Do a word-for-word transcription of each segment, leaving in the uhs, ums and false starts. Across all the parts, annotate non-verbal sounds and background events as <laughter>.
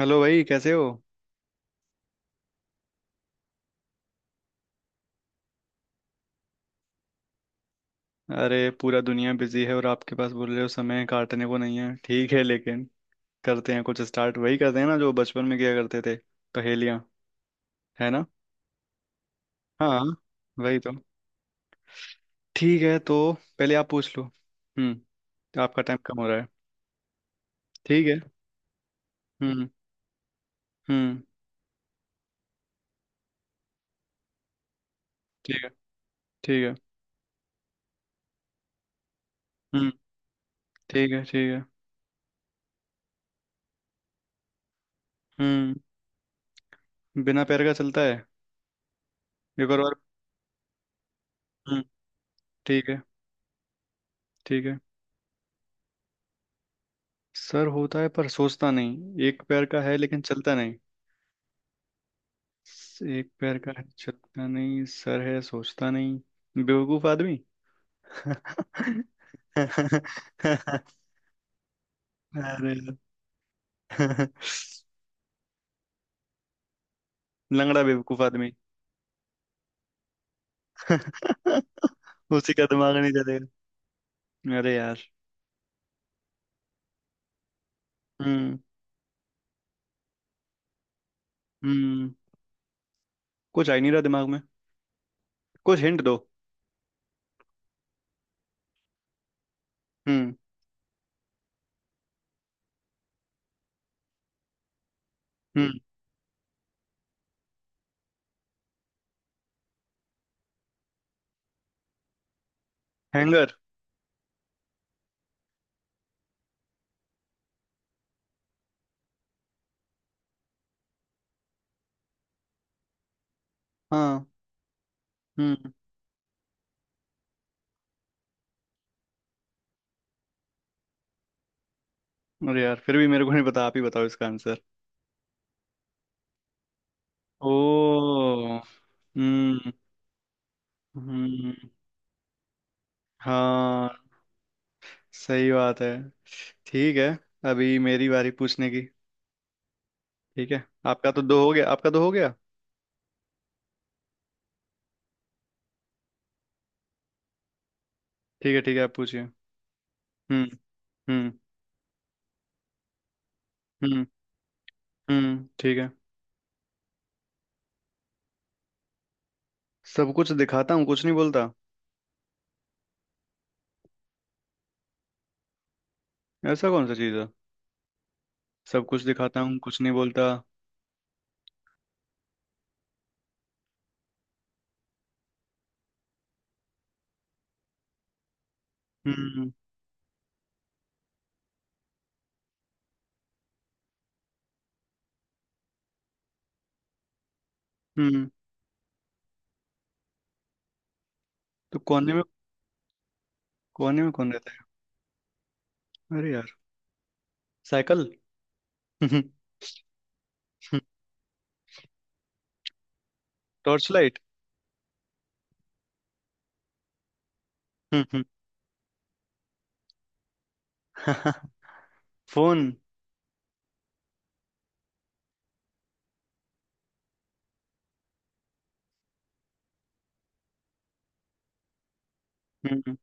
Hello भाई, कैसे हो? अरे पूरा दुनिया बिजी है और आपके पास बोल रहे हो समय काटने को नहीं है। ठीक है लेकिन करते हैं कुछ स्टार्ट। वही करते हैं ना जो बचपन में किया करते थे। पहेलियाँ। है ना? हाँ, वही तो। ठीक है तो पहले आप पूछ लो। हम्म। आपका टाइम कम हो रहा है। ठीक है। हम्म। हम्म। ठीक है, ठीक है। हम्म। ठीक है, ठीक है। हम्म। बिना पैर का चलता है। एक और बार। हम्म। ठीक है, ठीक है। सर होता है पर सोचता नहीं, एक पैर का है लेकिन चलता नहीं। एक पैर का है, चलता नहीं, सर है, सोचता नहीं, बेवकूफ आदमी। <laughs> अरे, लंगड़ा बेवकूफ आदमी। <laughs> उसी का दिमाग नहीं चलेगा। अरे यार। हम्म। हम्म। कुछ आ ही नहीं रहा दिमाग में। कुछ हिंट दो। हम्म। हम्म। हैंगर। हाँ। हम्म। अरे यार, फिर भी मेरे को नहीं पता, आप ही बताओ इसका आंसर। ओ। हम्म। हम्म। हाँ। सही बात है। ठीक है। अभी मेरी बारी पूछने की। ठीक है, आपका तो दो हो गया, आपका दो हो गया। ठीक है, ठीक है, आप पूछिए। हम्म। हम्म। हम्म। हम्म। ठीक है। सब कुछ दिखाता हूँ कुछ नहीं बोलता। ऐसा कौन सा चीज़ है? सब कुछ दिखाता हूँ कुछ नहीं बोलता। हम्म। हम्म। तो कोने में। कोने में कौन रहता है? अरे यार। साइकिल। <laughs> Torch light. फोन। हम्म।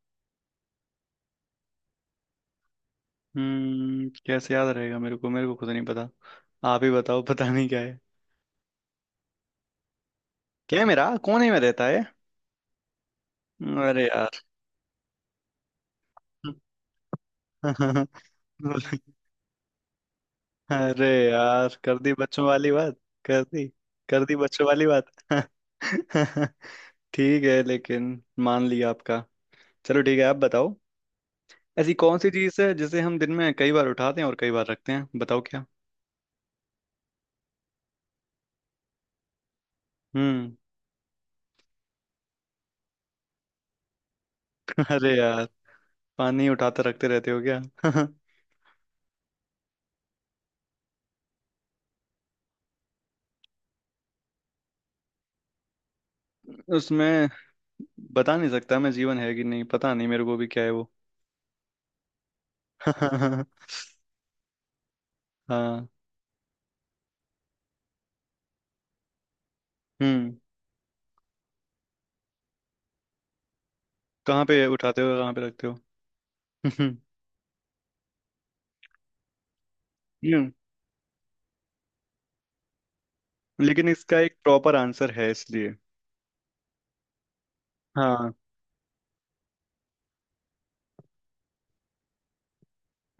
हम्म। कैसे याद रहेगा मेरे को मेरे को खुद नहीं पता, आप ही बताओ पता नहीं क्या। क्या है मेरा कौन ही में रहता है। अरे यार। <laughs> अरे यार, कर दी बच्चों वाली बात। कर दी कर दी बच्चों वाली बात। <laughs> ठीक है लेकिन। मान लिया आपका। चलो ठीक है, आप बताओ। ऐसी कौन सी चीज है जिसे हम दिन में कई बार उठाते हैं और कई बार रखते हैं? बताओ क्या। हम्म। <laughs> अरे यार, पानी उठाते रखते रहते हो क्या? <laughs> उसमें बता नहीं सकता मैं, जीवन है कि नहीं पता नहीं, मेरे को भी क्या है वो। <laughs> हाँ। हम्म। कहाँ पे उठाते हो, कहाँ पे रखते हो? <laughs> हम्म। लेकिन इसका एक प्रॉपर आंसर है, इसलिए। हाँ।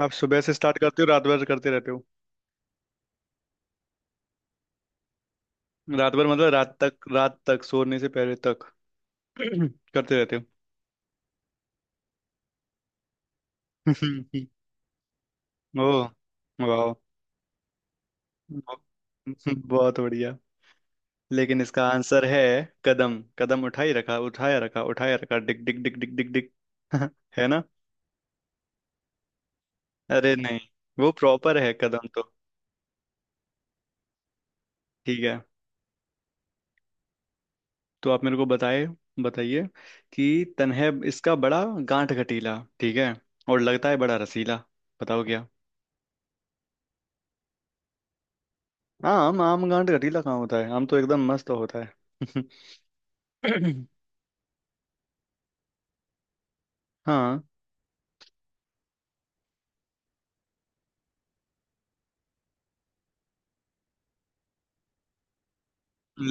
आप सुबह से स्टार्ट करते हो, रात भर करते रहते हो। रात भर मतलब, रात तक, रात तक सोने से पहले तक <clears throat> करते रहते हो। <laughs> ओ। वाह। बहुत बढ़िया। लेकिन इसका आंसर है। कदम कदम, उठाई रखा उठाया रखा, उठाया रखा, डिक डिक डिक डिक डिक डिक। <laughs> है ना? अरे नहीं, वो प्रॉपर है, कदम तो। ठीक है। तो आप मेरे को बताए, बताइए कि तन्हे इसका बड़ा गांठ घटीला, ठीक है, और लगता है बड़ा रसीला। बताओ क्या। आम? आम गांठ घटीला कहाँ होता है? आम तो एकदम मस्त होता है। <coughs> <laughs> हाँ।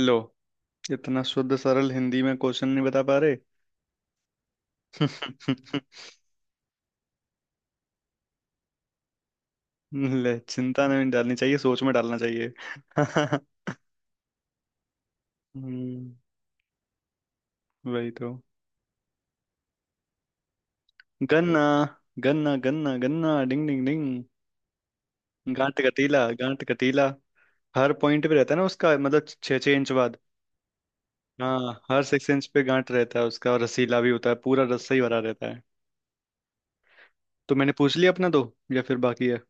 लो, इतना शुद्ध सरल हिंदी में क्वेश्चन नहीं बता पा रहे। <laughs> ले, चिंता नहीं डालनी चाहिए, सोच में डालना चाहिए। <laughs> हम्म। वही तो। गन्ना, गन्ना, गन्ना, गन्ना, डिंग डिंग डिंग। गांठ कटीला, गांठ कटीला, हर पॉइंट पे रहता है ना उसका, मतलब छः छः इंच बाद। हाँ, हर सिक्स इंच पे गांठ रहता है उसका और रसीला भी होता है, पूरा रस्सा ही भरा रहता है। तो मैंने पूछ लिया अपना दो, या फिर बाकी है?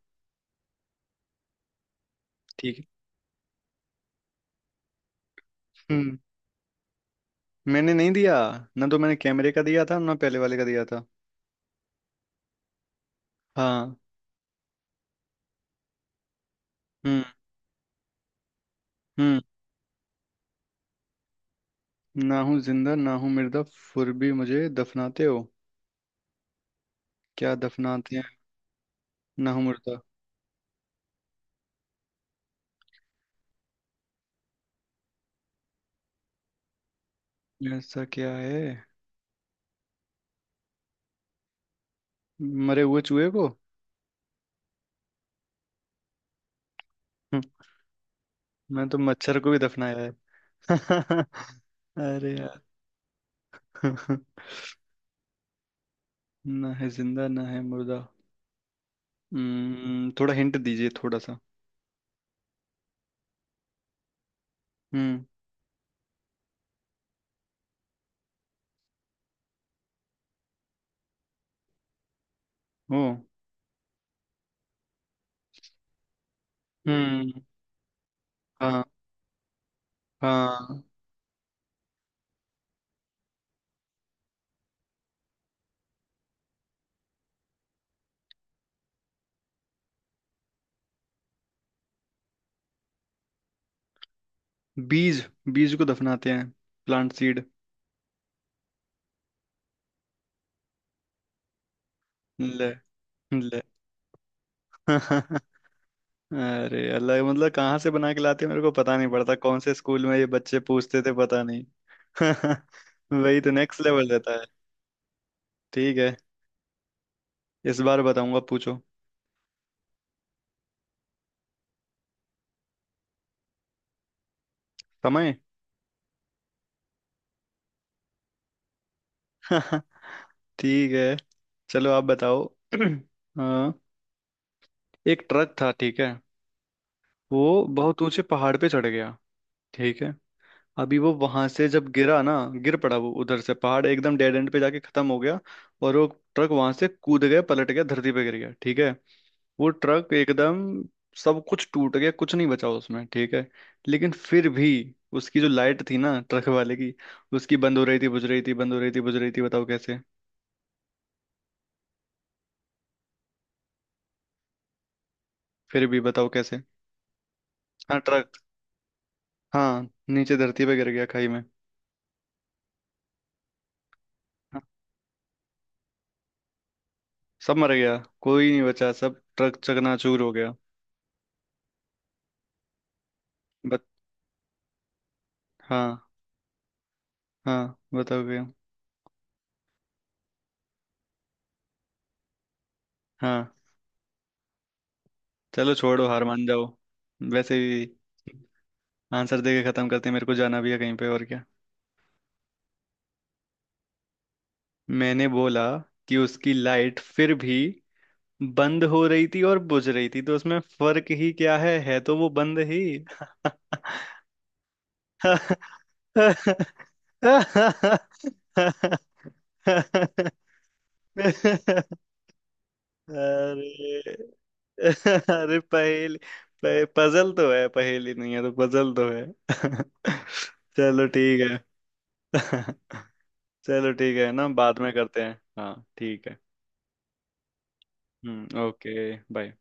ठीक है। हम्म। मैंने नहीं दिया, ना तो मैंने कैमरे का दिया था, ना पहले वाले का दिया था। हाँ। हम्म। हम्म। ना हूँ जिंदा, ना हूँ मुर्दा, फिर भी मुझे दफनाते हो? क्या दफनाते हैं? ना हूँ मुर्दा। ऐसा क्या है? मरे हुए चूहे को। हम्म। मैं तो मच्छर को भी दफनाया है। <laughs> अरे यार। <laughs> ना है जिंदा, ना है मुर्दा। हम्म, थोड़ा हिंट दीजिए थोड़ा सा। हम्म। ओ। हम्म। हाँ। हाँ। बीज। बीज को दफनाते हैं। Plant seed. ले। ले। <laughs> अरे अल्लाह, मतलब कहाँ से बना के लाते हैं मेरे को पता नहीं पड़ता, कौन से स्कूल में ये बच्चे पूछते थे पता नहीं। <laughs> वही तो, नेक्स्ट लेवल रहता है। ठीक है, इस बार बताऊंगा, पूछो। समय। <laughs> ठीक है। चलो आप बताओ। <clears throat> हाँ, एक ट्रक था, ठीक है, वो बहुत ऊंचे पहाड़ पे चढ़ गया, ठीक है, अभी वो वहां से जब गिरा ना, गिर पड़ा, वो उधर से पहाड़ एकदम डेड एंड पे जाके खत्म हो गया और वो ट्रक वहां से कूद गया, पलट गया, धरती पे गिर गया, ठीक है, वो ट्रक एकदम सब कुछ टूट गया, कुछ नहीं बचा उसमें, ठीक है, लेकिन फिर भी उसकी जो लाइट थी ना ट्रक वाले की, उसकी बंद हो रही थी, बुझ रही थी, बंद हो रही थी, बुझ रही थी, बताओ कैसे? फिर भी बताओ कैसे? हाँ, ट्रक। हाँ, नीचे धरती पे गिर गया खाई में। हाँ, सब मर गया, कोई नहीं बचा, सब ट्रक चकनाचूर हो गया। बत हाँ। हाँ, बताओगे? हाँ, चलो छोड़ो, हार मान जाओ। वैसे भी आंसर दे के खत्म करते हैं, मेरे को जाना भी है कहीं पे और क्या। मैंने बोला कि उसकी लाइट फिर भी बंद हो रही थी और बुझ रही थी, तो उसमें फर्क ही क्या है है तो वो बंद ही। <laughs> अरे। <laughs> अरे पहेली, पजल तो है, पहेली नहीं है तो, पजल तो है। <laughs> चलो ठीक है। <laughs> चलो ठीक है ना, बाद में करते हैं, हाँ ठीक है। हम्म, ओके, बाय।